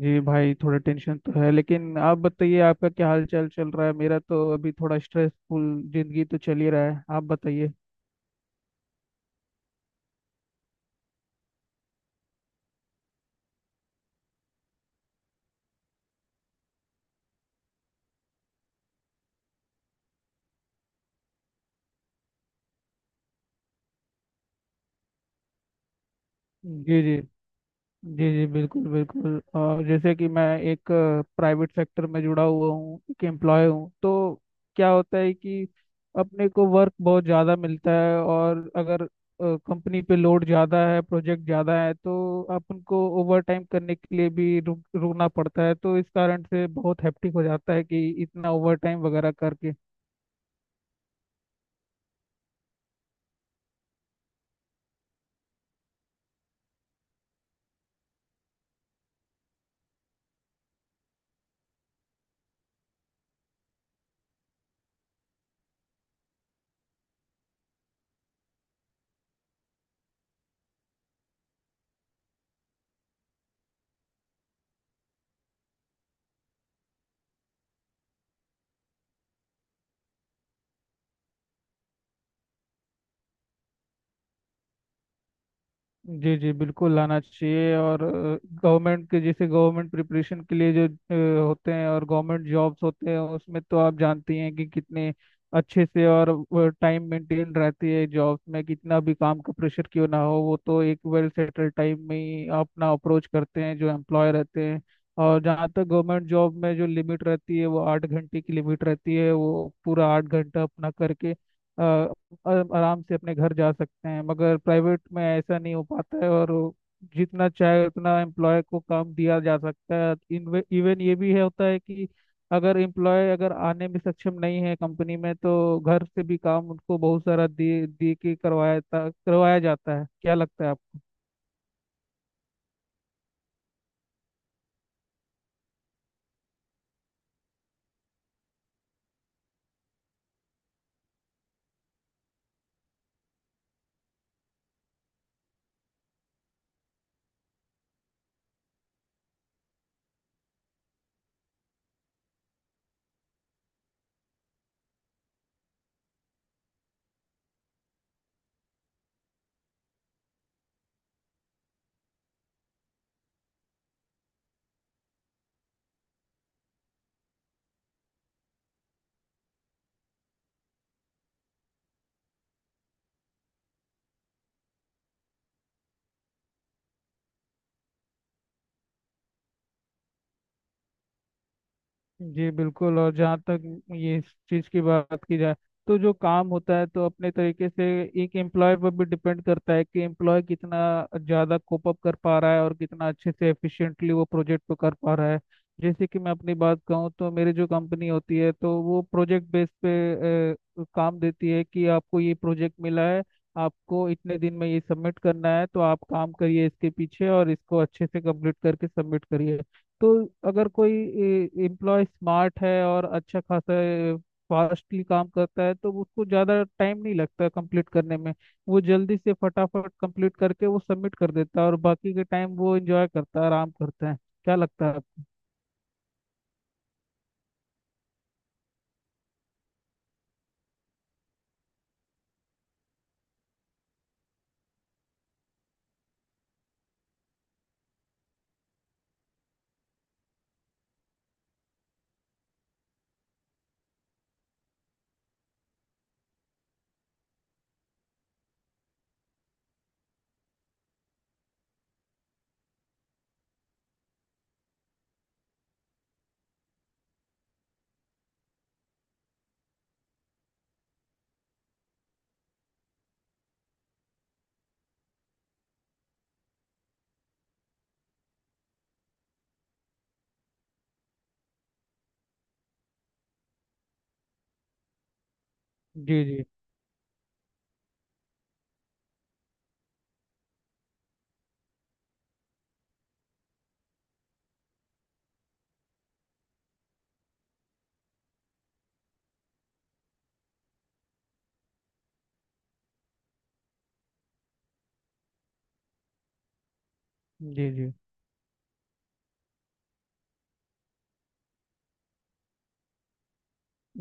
जी भाई, थोड़ा टेंशन तो है। लेकिन आप बताइए, आपका क्या हाल चाल चल रहा है? मेरा तो अभी थोड़ा स्ट्रेसफुल जिंदगी तो चल ही रहा है। आप बताइए। जी, जी। जी, जी। बिल्कुल बिल्कुल, और जैसे कि मैं एक प्राइवेट सेक्टर में जुड़ा हुआ हूँ, एक एम्प्लॉय हूँ। तो क्या होता है कि अपने को वर्क बहुत ज़्यादा मिलता है। और अगर कंपनी पे लोड ज़्यादा है, प्रोजेक्ट ज़्यादा है, तो अपन को ओवर टाइम करने के लिए भी रुकना पड़ता है। तो इस कारण से बहुत हैप्टिक हो जाता है कि इतना ओवर टाइम वगैरह करके। जी, जी। बिल्कुल लाना चाहिए। और गवर्नमेंट के, जैसे गवर्नमेंट प्रिपरेशन के लिए जो होते हैं और गवर्नमेंट जॉब्स होते हैं, उसमें तो आप जानती हैं कि कितने अच्छे से और टाइम मेंटेन रहती है। जॉब्स में कितना भी काम का प्रेशर क्यों ना हो, वो तो एक वेल सेटल टाइम में ही अपना अप्रोच करते हैं जो एम्प्लॉय रहते हैं। और जहाँ तक गवर्नमेंट जॉब में जो लिमिट रहती है, वो 8 घंटे की लिमिट रहती है। वो पूरा 8 घंटा अपना करके आराम से अपने घर जा सकते हैं। मगर प्राइवेट में ऐसा नहीं हो पाता है, और वो जितना चाहे उतना एम्प्लॉय को काम दिया जा सकता है। इवन ये भी है होता है कि अगर एम्प्लॉय अगर आने में सक्षम नहीं है कंपनी में, तो घर से भी काम उनको बहुत सारा दे दे के करवाया करवाया जाता है। क्या लगता है आपको? जी बिल्कुल। और जहाँ तक ये इस चीज़ की बात की जाए, तो जो काम होता है, तो अपने तरीके से एक एम्प्लॉय पर भी डिपेंड करता है कि एम्प्लॉय कितना ज़्यादा कोप अप कर पा रहा है और कितना अच्छे से एफिशिएंटली वो प्रोजेक्ट को कर पा रहा है। जैसे कि मैं अपनी बात कहूँ, तो मेरी जो कंपनी होती है, तो वो प्रोजेक्ट बेस पे काम देती है कि आपको ये प्रोजेक्ट मिला है, आपको इतने दिन में ये सबमिट करना है, तो आप काम करिए इसके पीछे और इसको अच्छे से कंप्लीट करके सबमिट करिए। तो अगर कोई एम्प्लॉय स्मार्ट है और अच्छा खासा फास्टली काम करता है, तो उसको ज़्यादा टाइम नहीं लगता कंप्लीट करने में। वो जल्दी से फटाफट कंप्लीट करके वो सबमिट कर देता है, और बाकी के टाइम वो एंजॉय करता है, आराम करता है। क्या लगता है आपको? जी, जी। जी, जी।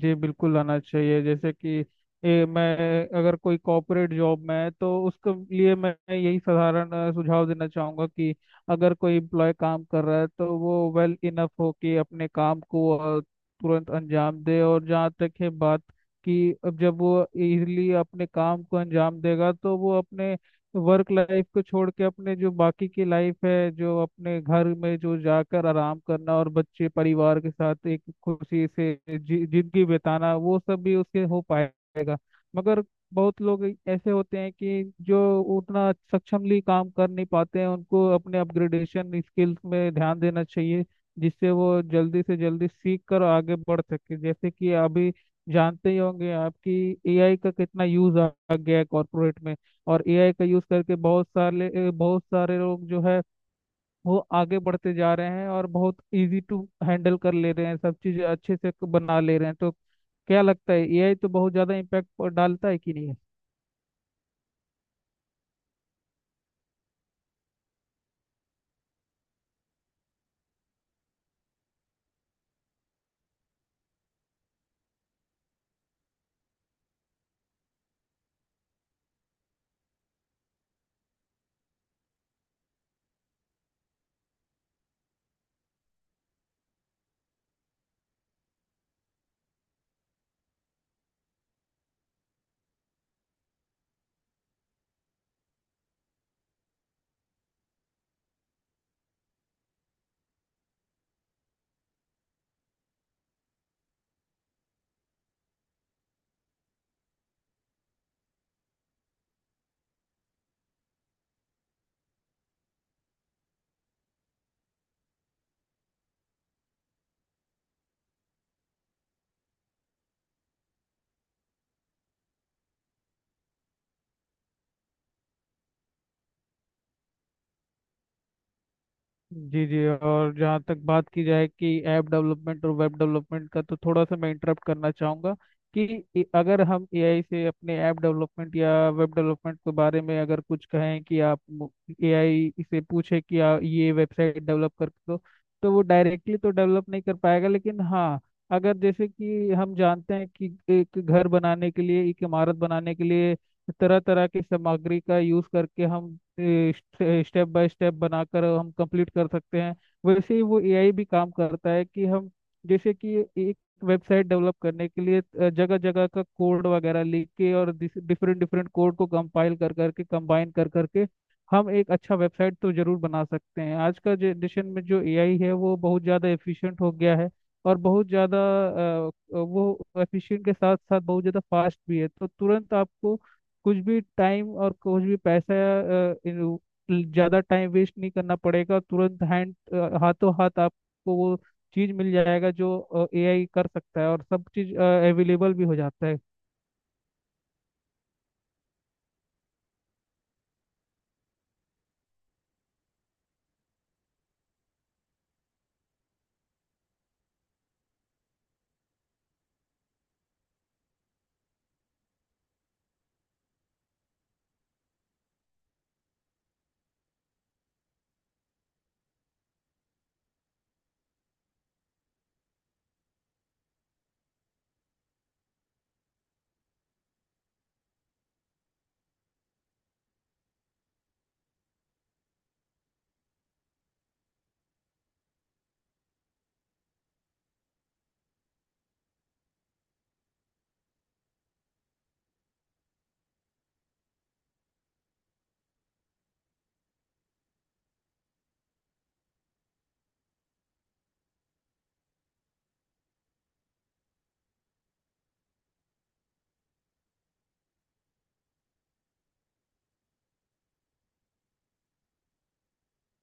जी बिल्कुल आना चाहिए। जैसे कि ये मैं, अगर कोई कॉर्पोरेट जॉब में है तो उसके लिए मैं यही साधारण सुझाव देना चाहूँगा कि अगर कोई एम्प्लॉय काम कर रहा है तो वो वेल इनफ हो कि अपने काम को तुरंत अंजाम दे। और जहाँ तक है बात, कि अब जब वो इजीली अपने काम को अंजाम देगा, तो वो अपने वर्क लाइफ को छोड़ के अपने जो बाकी की लाइफ है, जो अपने घर में जो जाकर आराम करना और बच्चे परिवार के साथ एक खुशी से जिंदगी बिताना, वो सब भी उससे हो पाएगा। मगर बहुत लोग ऐसे होते हैं कि जो उतना सक्षमली काम कर नहीं पाते हैं। उनको अपने अपग्रेडेशन स्किल्स में ध्यान देना चाहिए, जिससे वो जल्दी से जल्दी सीख कर आगे बढ़ सके। जैसे कि अभी जानते ही होंगे आपकी, एआई का कितना यूज आ आ गया है कॉर्पोरेट में। और एआई का यूज करके बहुत सारे लोग जो है, वो आगे बढ़ते जा रहे हैं और बहुत इजी टू हैंडल कर ले रहे हैं, सब चीज़ अच्छे से बना ले रहे हैं। तो क्या लगता है, एआई तो बहुत ज़्यादा इम्पैक्ट डालता है कि नहीं? जी, जी। और जहाँ तक बात की जाए कि ऐप डेवलपमेंट और वेब डेवलपमेंट का, तो थोड़ा सा मैं इंटरप्ट करना चाहूँगा कि अगर हम एआई से अपने ऐप डेवलपमेंट या वेब डेवलपमेंट के बारे में अगर कुछ कहें कि आप एआई से पूछे कि ये वेबसाइट डेवलप कर दो। तो वो डायरेक्टली तो डेवलप नहीं कर पाएगा। लेकिन हाँ, अगर जैसे कि हम जानते हैं कि एक घर बनाने के लिए, एक इमारत बनाने के लिए तरह तरह की सामग्री का यूज करके हम स्टेप बाय स्टेप बनाकर हम कंप्लीट कर सकते हैं। वैसे ही वो एआई भी काम करता है कि हम, जैसे कि एक वेबसाइट डेवलप करने के लिए जगह जगह का कोड वगैरह लिख के और डिफरेंट डिफरेंट कोड को कंपाइल कर करके कंबाइन कर करके हम एक अच्छा वेबसाइट तो जरूर बना सकते हैं। आज का जनरेशन में जो एआई है वो बहुत ज़्यादा एफिशिएंट हो गया है। और बहुत ज़्यादा वो एफिशिएंट के साथ साथ बहुत ज़्यादा फास्ट भी है। तो तुरंत आपको कुछ भी टाइम और कुछ भी पैसा, अ, इन- ज्यादा टाइम वेस्ट नहीं करना पड़ेगा। तुरंत हाथों हाथ आपको वो चीज मिल जाएगा जो एआई कर सकता है, और सब चीज अवेलेबल भी हो जाता है।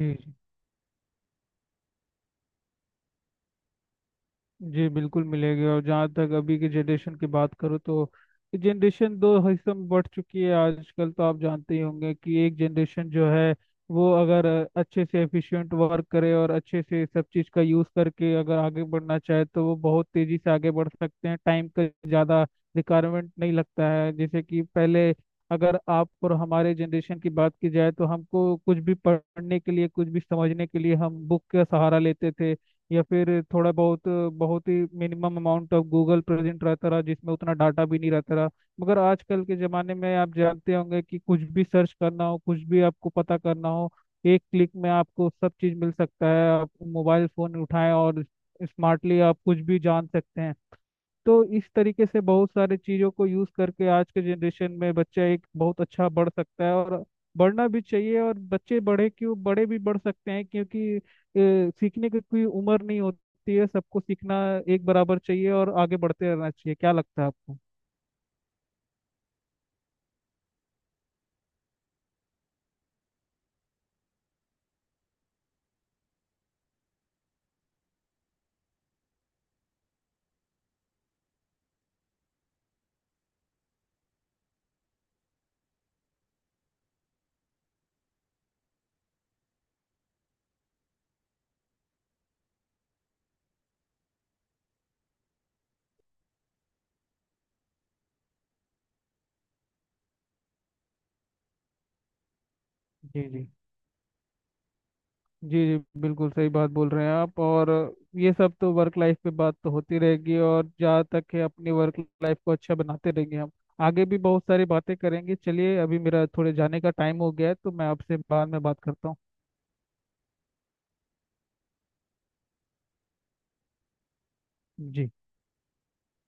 जी, जी। बिल्कुल मिलेगी। और जहाँ तक अभी की जनरेशन की बात करो, तो जनरेशन दो हिस्सों में बढ़ चुकी है आजकल। तो आप जानते ही होंगे कि एक जनरेशन जो है, वो अगर अच्छे से एफिशिएंट वर्क करे और अच्छे से सब चीज़ का यूज़ करके अगर आगे बढ़ना चाहे, तो वो बहुत तेज़ी से आगे बढ़ सकते हैं। टाइम का ज़्यादा रिक्वायरमेंट नहीं लगता है, जैसे कि पहले। अगर आप और हमारे जनरेशन की बात की जाए, तो हमको कुछ भी पढ़ने के लिए, कुछ भी समझने के लिए हम बुक का सहारा लेते थे। या फिर थोड़ा बहुत, बहुत ही minimum amount of Google present रहता रहा, जिसमें उतना डाटा भी नहीं रहता रहा। मगर आजकल के ज़माने में आप जानते होंगे कि कुछ भी सर्च करना हो, कुछ भी आपको पता करना हो, एक क्लिक में आपको सब चीज़ मिल सकता है। आप मोबाइल फ़ोन उठाएं और स्मार्टली आप कुछ भी जान सकते हैं। तो इस तरीके से बहुत सारे चीज़ों को यूज़ करके आज के जनरेशन में बच्चा एक बहुत अच्छा बढ़ सकता है, और बढ़ना भी चाहिए। और बच्चे बढ़े क्यों, बड़े भी बढ़ सकते हैं क्योंकि सीखने की कोई उम्र नहीं होती है। सबको सीखना एक बराबर चाहिए और आगे बढ़ते रहना चाहिए। क्या लगता है आपको? जी, जी। जी, जी। बिल्कुल सही बात बोल रहे हैं आप। और ये सब तो वर्क लाइफ पे बात तो होती रहेगी, और जहाँ तक है, अपनी वर्क लाइफ को अच्छा बनाते रहेंगे हम। आगे भी बहुत सारी बातें करेंगे। चलिए, अभी मेरा थोड़े जाने का टाइम हो गया है, तो मैं आपसे बाद में बात करता हूँ। जी।